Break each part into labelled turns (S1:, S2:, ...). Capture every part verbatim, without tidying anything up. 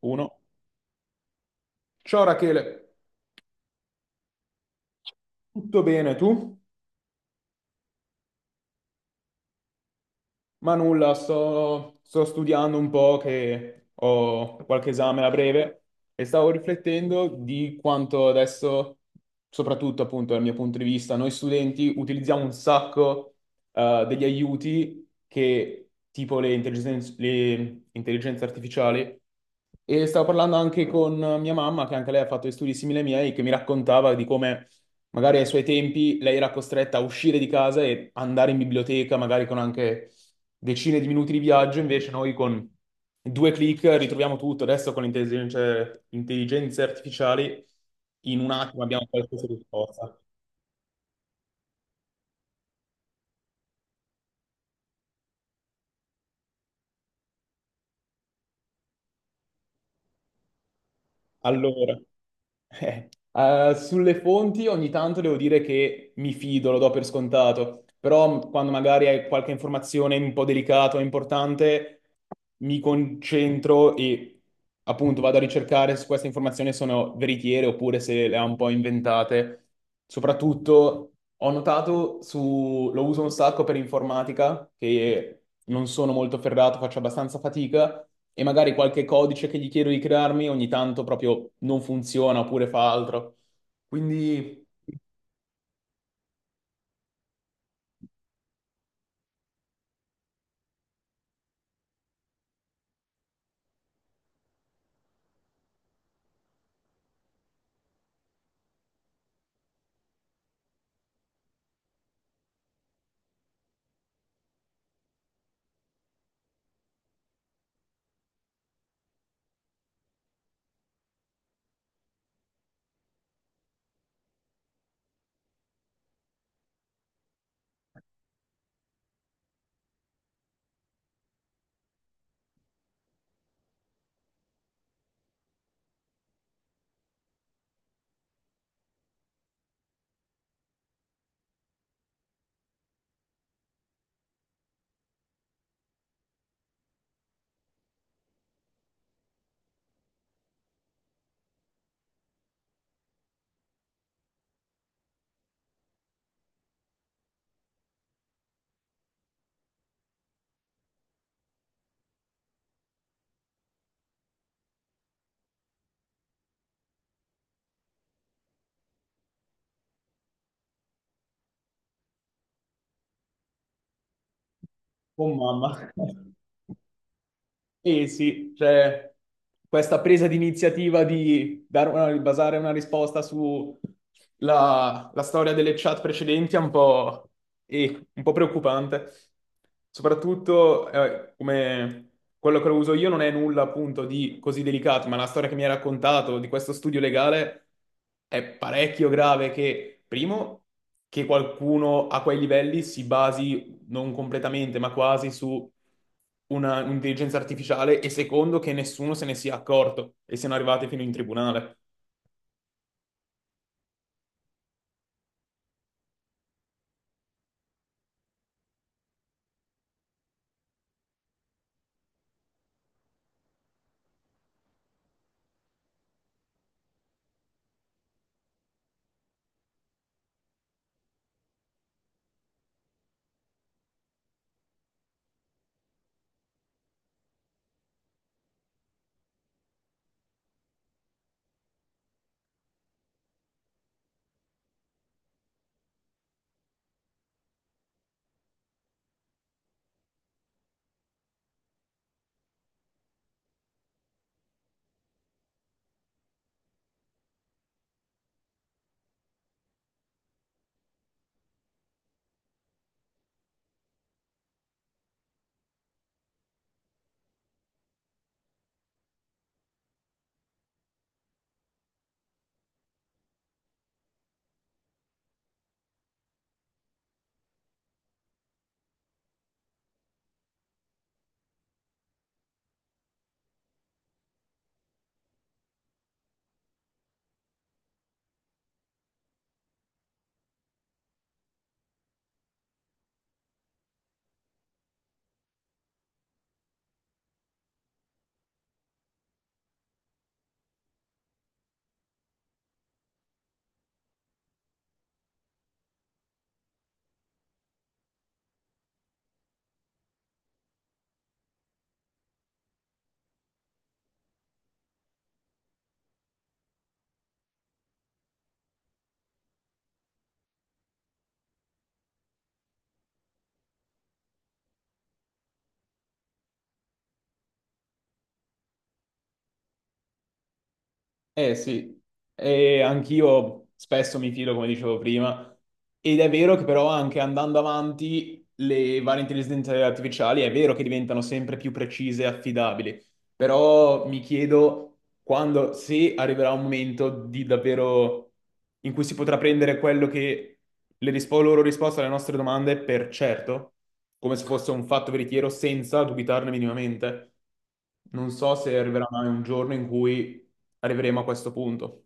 S1: Uno. Ciao Rachele, tutto bene tu? Ma nulla, sto, sto studiando un po' che ho qualche esame a breve e stavo riflettendo di quanto adesso, soprattutto appunto dal mio punto di vista, noi studenti utilizziamo un sacco eh, degli aiuti che tipo le intelligenze, le intelligenze artificiali e stavo parlando anche con mia mamma, che anche lei ha fatto degli studi simili ai miei, che mi raccontava di come magari ai suoi tempi lei era costretta a uscire di casa e andare in biblioteca, magari con anche decine di minuti di viaggio, invece noi con due clic ritroviamo tutto. Adesso con l'intelligenza- intelligenze artificiali in un attimo abbiamo qualsiasi risposta. Allora, eh, eh, sulle fonti ogni tanto devo dire che mi fido, lo do per scontato, però m- quando magari hai qualche informazione un po' delicata o importante, mi concentro e appunto vado a ricercare se queste informazioni sono veritiere oppure se le ha un po' inventate. Soprattutto ho notato su... lo uso un sacco per informatica, che non sono molto ferrato, faccio abbastanza fatica, e magari qualche codice che gli chiedo di crearmi ogni tanto proprio non funziona oppure fa altro. Quindi. Oh mamma. Sì, sì, cioè questa presa di iniziativa di dare una- basare una risposta sulla storia delle chat precedenti è un po', eh, un po' preoccupante. Soprattutto eh, come quello che uso io non è nulla appunto di così delicato, ma la storia che mi hai raccontato di questo studio legale è parecchio grave che, primo, che qualcuno a quei livelli si basi non completamente, ma quasi su una- un'intelligenza artificiale e secondo che nessuno se ne sia accorto e siano arrivate fino in tribunale. Eh sì, e anch'io spesso mi fido, come dicevo prima, ed è vero che però anche andando avanti le varie intelligenze artificiali è vero che diventano sempre più precise e affidabili. Però mi chiedo quando, se arriverà un momento di davvero in cui si potrà prendere quello che le rispo- loro risposte alle nostre domande per certo, come se fosse un fatto veritiero, senza dubitarne minimamente. Non so se arriverà mai un giorno in cui arriveremo a questo punto.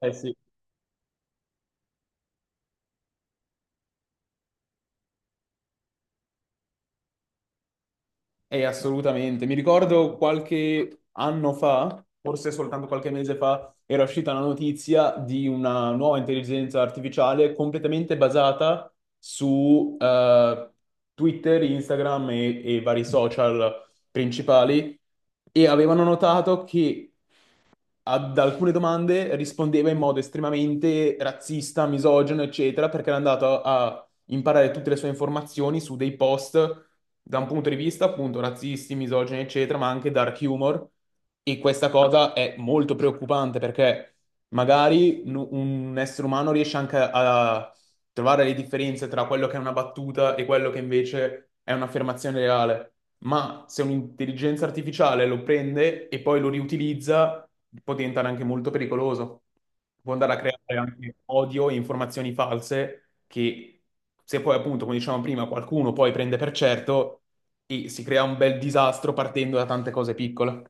S1: Eh sì. Eh, assolutamente. Mi ricordo qualche anno fa, forse soltanto qualche mese fa, era uscita la notizia di una nuova intelligenza artificiale completamente basata su eh, Twitter, Instagram e, e vari social principali e avevano notato che ad alcune domande rispondeva in modo estremamente razzista, misogino, eccetera, perché era andato a imparare tutte le sue informazioni su dei post da un punto di vista appunto razzisti, misogini, eccetera, ma anche dark humor. E questa cosa è molto preoccupante perché magari nu- un essere umano riesce anche a trovare le differenze tra quello che è una battuta e quello che invece è un'affermazione reale. Ma se un'intelligenza artificiale lo prende e poi lo riutilizza, può diventare anche molto pericoloso. Può andare a creare anche odio e informazioni false che se poi appunto, come dicevamo prima, qualcuno poi prende per certo e si crea un bel disastro partendo da tante cose piccole.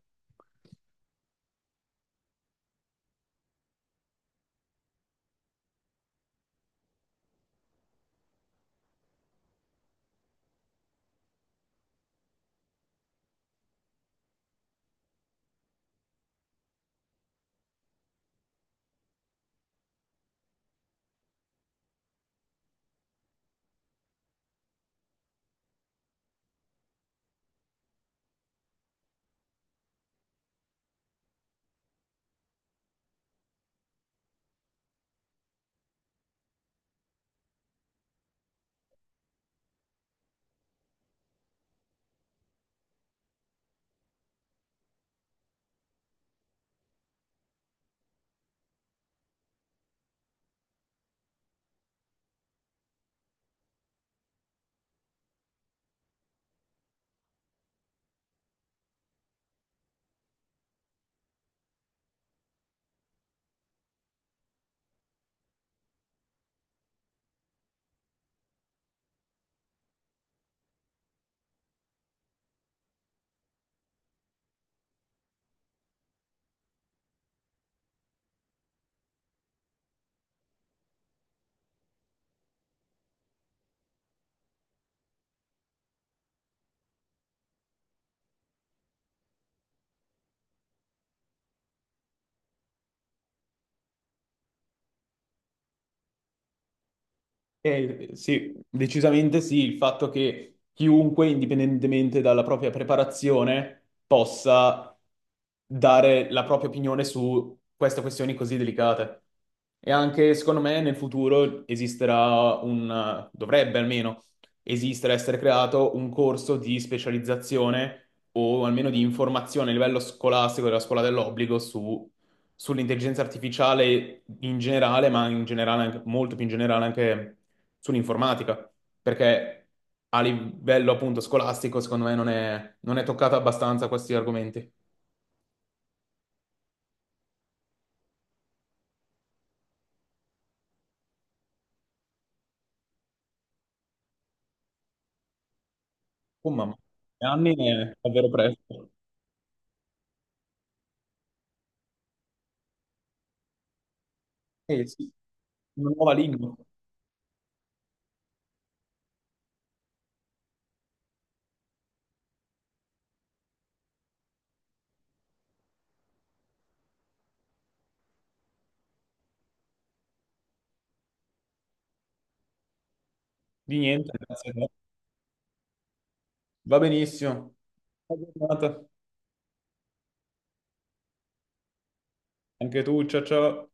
S1: Eh, sì, decisamente sì, il fatto che chiunque, indipendentemente dalla propria preparazione, possa dare la propria opinione su queste questioni così delicate. E anche, secondo me, nel futuro esisterà un, dovrebbe almeno esistere, essere creato un corso di specializzazione o almeno di informazione a livello scolastico della scuola dell'obbligo su sull'intelligenza artificiale in generale, ma in generale anche- molto più in generale anche sull'informatica, perché a livello appunto scolastico, secondo me, non è, non è toccata abbastanza questi argomenti. Oh mamma, tre anni è davvero presto. Eh sì, una nuova lingua. Di niente, grazie a te. Va benissimo. Buona giornata. Anche tu, ciao ciao.